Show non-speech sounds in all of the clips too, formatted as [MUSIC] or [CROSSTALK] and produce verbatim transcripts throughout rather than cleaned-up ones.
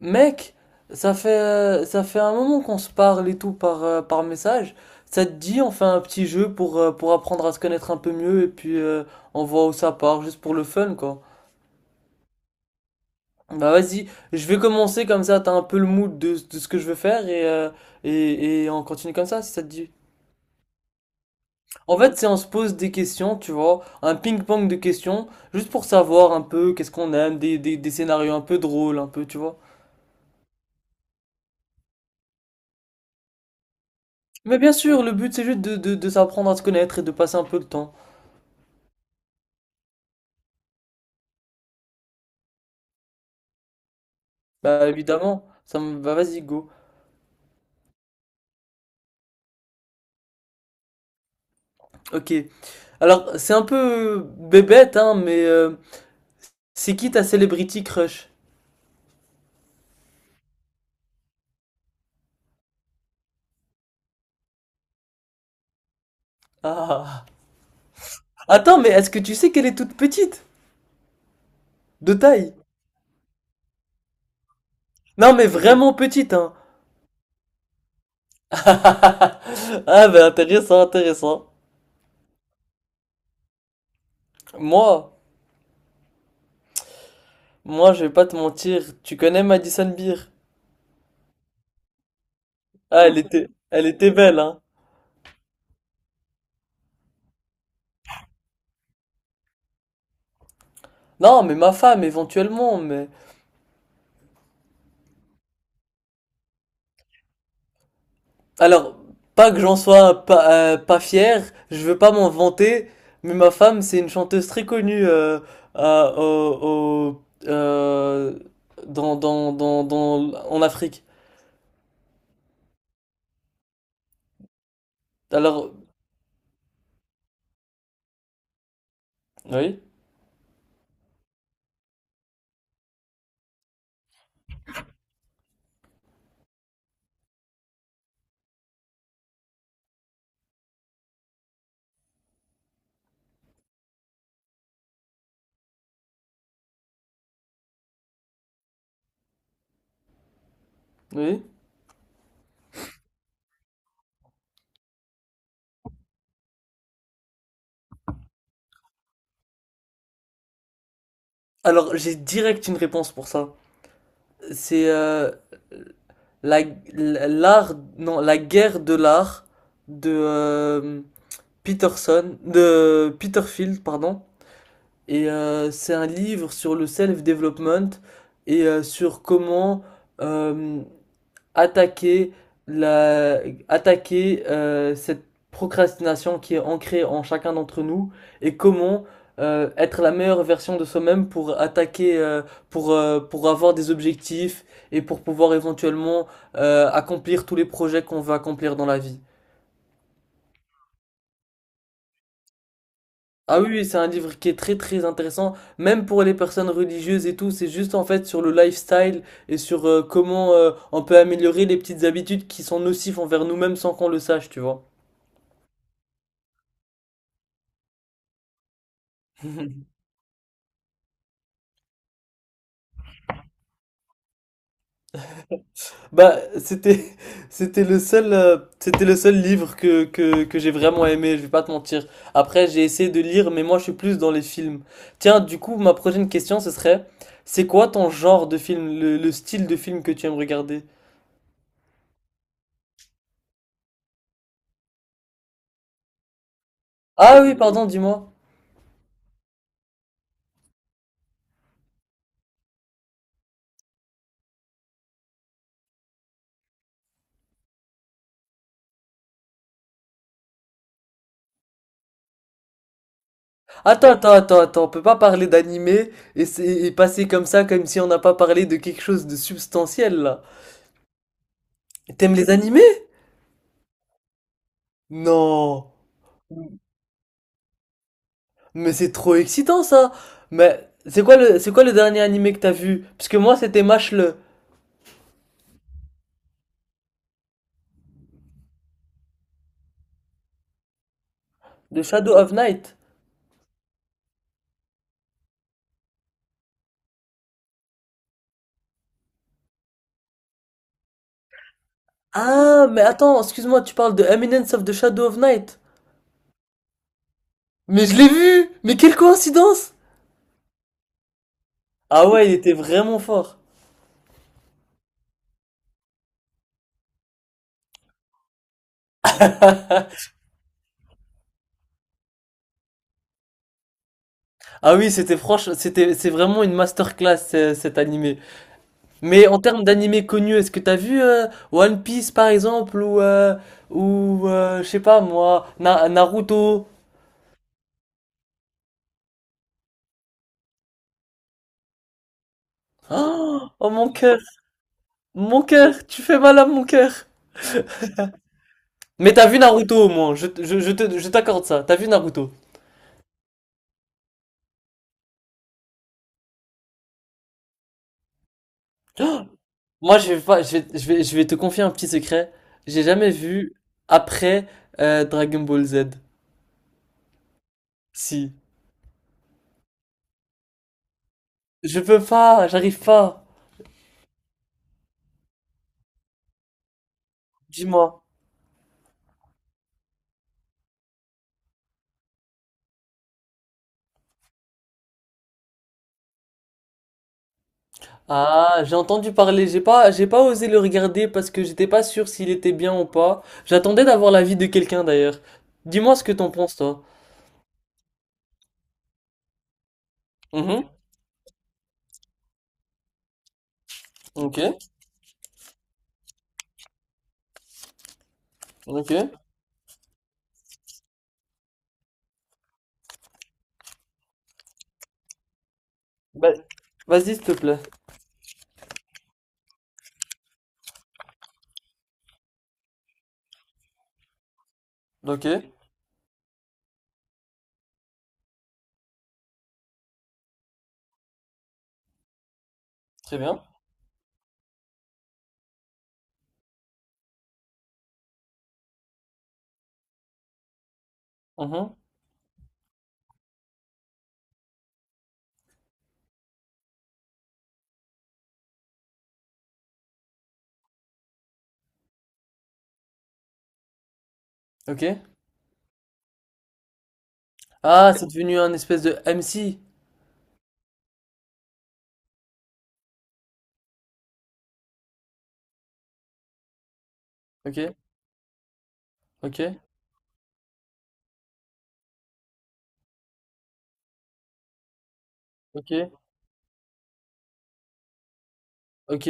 Mec, ça fait, euh, ça fait un moment qu'on se parle et tout par, euh, par message. Ça te dit, on fait un petit jeu pour, euh, pour apprendre à se connaître un peu mieux et puis euh, on voit où ça part, juste pour le fun, quoi. Bah vas-y, je vais commencer comme ça, t'as un peu le mood de, de ce que je veux faire et, euh, et, et on continue comme ça, si ça te dit. En fait, c'est on se pose des questions, tu vois, un ping-pong de questions, juste pour savoir un peu qu'est-ce qu'on aime, des, des, des scénarios un peu drôles, un peu, tu vois. Mais bien sûr, le but c'est juste de, de, de s'apprendre à se connaître et de passer un peu de temps. Bah évidemment, ça me va, vas-y go. Ok. Alors c'est un peu bébête hein, mais euh, c'est qui ta celebrity crush? Ah. Attends, mais est-ce que tu sais qu'elle est toute petite? De taille? Non mais vraiment petite hein. [LAUGHS] Ah bah intéressant, intéressant. Moi, moi je vais pas te mentir, tu connais Madison Beer? Ah elle était, elle était belle hein. Non mais ma femme éventuellement, mais alors, pas que j'en sois pas, euh, pas fier, je veux pas m'en vanter, mais ma femme, c'est une chanteuse très connue euh, à- au, au- euh, dans, dans, dans, dans- en Afrique. Alors, oui, oui. Alors, j'ai direct une réponse pour ça. C'est euh, la, l'art, non, la guerre de l'art de euh, Peterson, de Peterfield, pardon. Et euh, c'est un livre sur le self-development et euh, sur comment euh, attaquer la, attaquer euh, cette procrastination qui est ancrée en chacun d'entre nous et comment euh, être la meilleure version de soi-même pour attaquer, euh, pour, euh, pour avoir des objectifs et pour pouvoir éventuellement euh, accomplir tous les projets qu'on veut accomplir dans la vie. Ah oui, oui, c'est un livre qui est très très intéressant, même pour les personnes religieuses et tout, c'est juste en fait sur le lifestyle et sur euh, comment euh, on peut améliorer les petites habitudes qui sont nocives envers nous-mêmes sans qu'on le sache, tu vois. [LAUGHS] Bah, c'était [LAUGHS] c'était le seul euh, c'était le seul livre que que que j'ai vraiment aimé, je vais pas te mentir. Après, j'ai essayé de lire, mais moi je suis plus dans les films. Tiens, du coup, ma prochaine question ce serait, c'est quoi ton genre de film, le, le style de film que tu aimes regarder? Ah oui, pardon, dis-moi. Attends, attends, attends, attends, on peut pas parler d'animé et, c'est- et passer comme ça, comme si on n'a pas parlé de quelque chose de substantiel là. T'aimes les animés? Non. Mais c'est trop excitant ça. Mais c'est quoi le, c'est quoi le dernier animé que t'as vu? Parce que moi c'était Mashle, de Shadow of Night. Ah, mais attends, excuse-moi, tu parles de Eminence of the Shadow of Night. Mais je l'ai vu! Mais quelle coïncidence! Ah ouais, il était vraiment fort. [LAUGHS] Ah oui, c'était franche, c'était, c'est vraiment une masterclass euh, cet animé. Mais en termes d'animés connus, est-ce que t'as vu euh, One Piece par exemple ou euh, ou euh, je sais pas moi Na- Naruto? Oh, oh, mon cœur, mon cœur, tu fais mal à mon cœur. Mais t'as vu Naruto au moins, je, je, je te- je t'accorde ça. T'as vu Naruto. Moi je vais pas, je vais, je vais, je vais te confier un petit secret. J'ai jamais vu après euh, Dragon Ball Z. Si. Je peux pas, j'arrive pas. Dis-moi. Ah, j'ai entendu parler, j'ai pas, j'ai pas osé le regarder parce que j'étais pas sûr s'il était bien ou pas. J'attendais d'avoir l'avis de quelqu'un d'ailleurs. Dis-moi ce que t'en penses, toi. Mhm. Ok, ok. Bah, vas-y, s'il te plaît. Ok, très bien. Mhm. Ok. Ah, c'est devenu un espèce de M C. Ok, ok, ok, ok.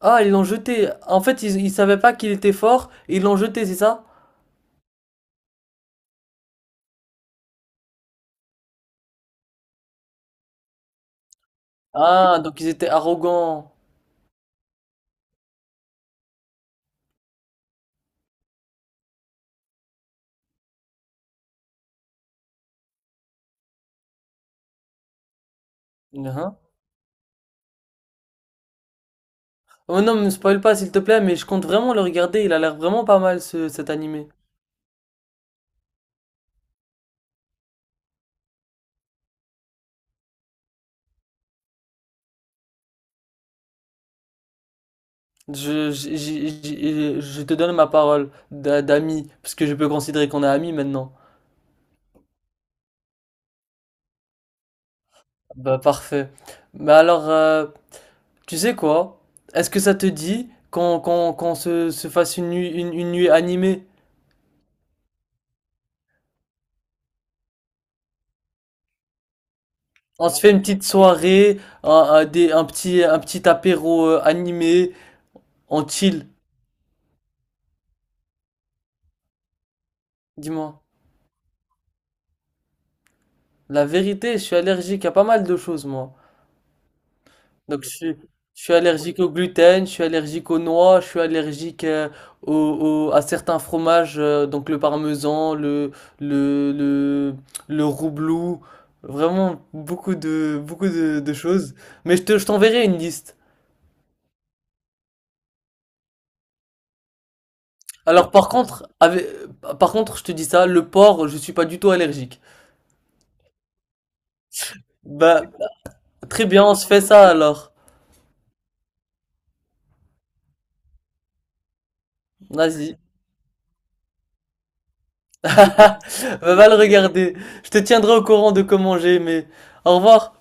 Ah, ils l'ont jeté. En fait, ils, ils savaient pas qu'il était fort et ils l'ont jeté, c'est ça? Ah, donc ils étaient arrogants. Mhm. Oh non, me spoil pas s'il te plaît, mais je compte vraiment le regarder, il a l'air vraiment pas mal ce, cet animé. Je, je, je- je- je te donne ma parole d'a- d'ami, parce que je peux considérer qu'on est amis maintenant. Bah parfait. Bah alors, euh, tu sais quoi? Est-ce que ça te dit qu'on qu'on, qu'on se, se fasse une nuit, une, une nuit animée? On se fait une petite soirée, un, un- des, un petit, un petit apéro euh, animé, on chill. Dis-moi. La vérité, je suis allergique à pas mal de choses, moi. Donc, je, suis je suis allergique au gluten, je suis allergique aux noix, je suis allergique euh, au- au- à certains fromages, euh, donc le parmesan, le, le, le, le roublou, vraiment beaucoup de, beaucoup de, de choses. Mais je te, je t'enverrai une liste. Alors, par contre, avec- par contre, je te dis ça, le porc, je suis pas du tout allergique. Bah, très bien, on se fait ça alors. Vas-y. [LAUGHS] Bah, va le regarder. Je te tiendrai au courant de comment j'ai aimé. Au revoir.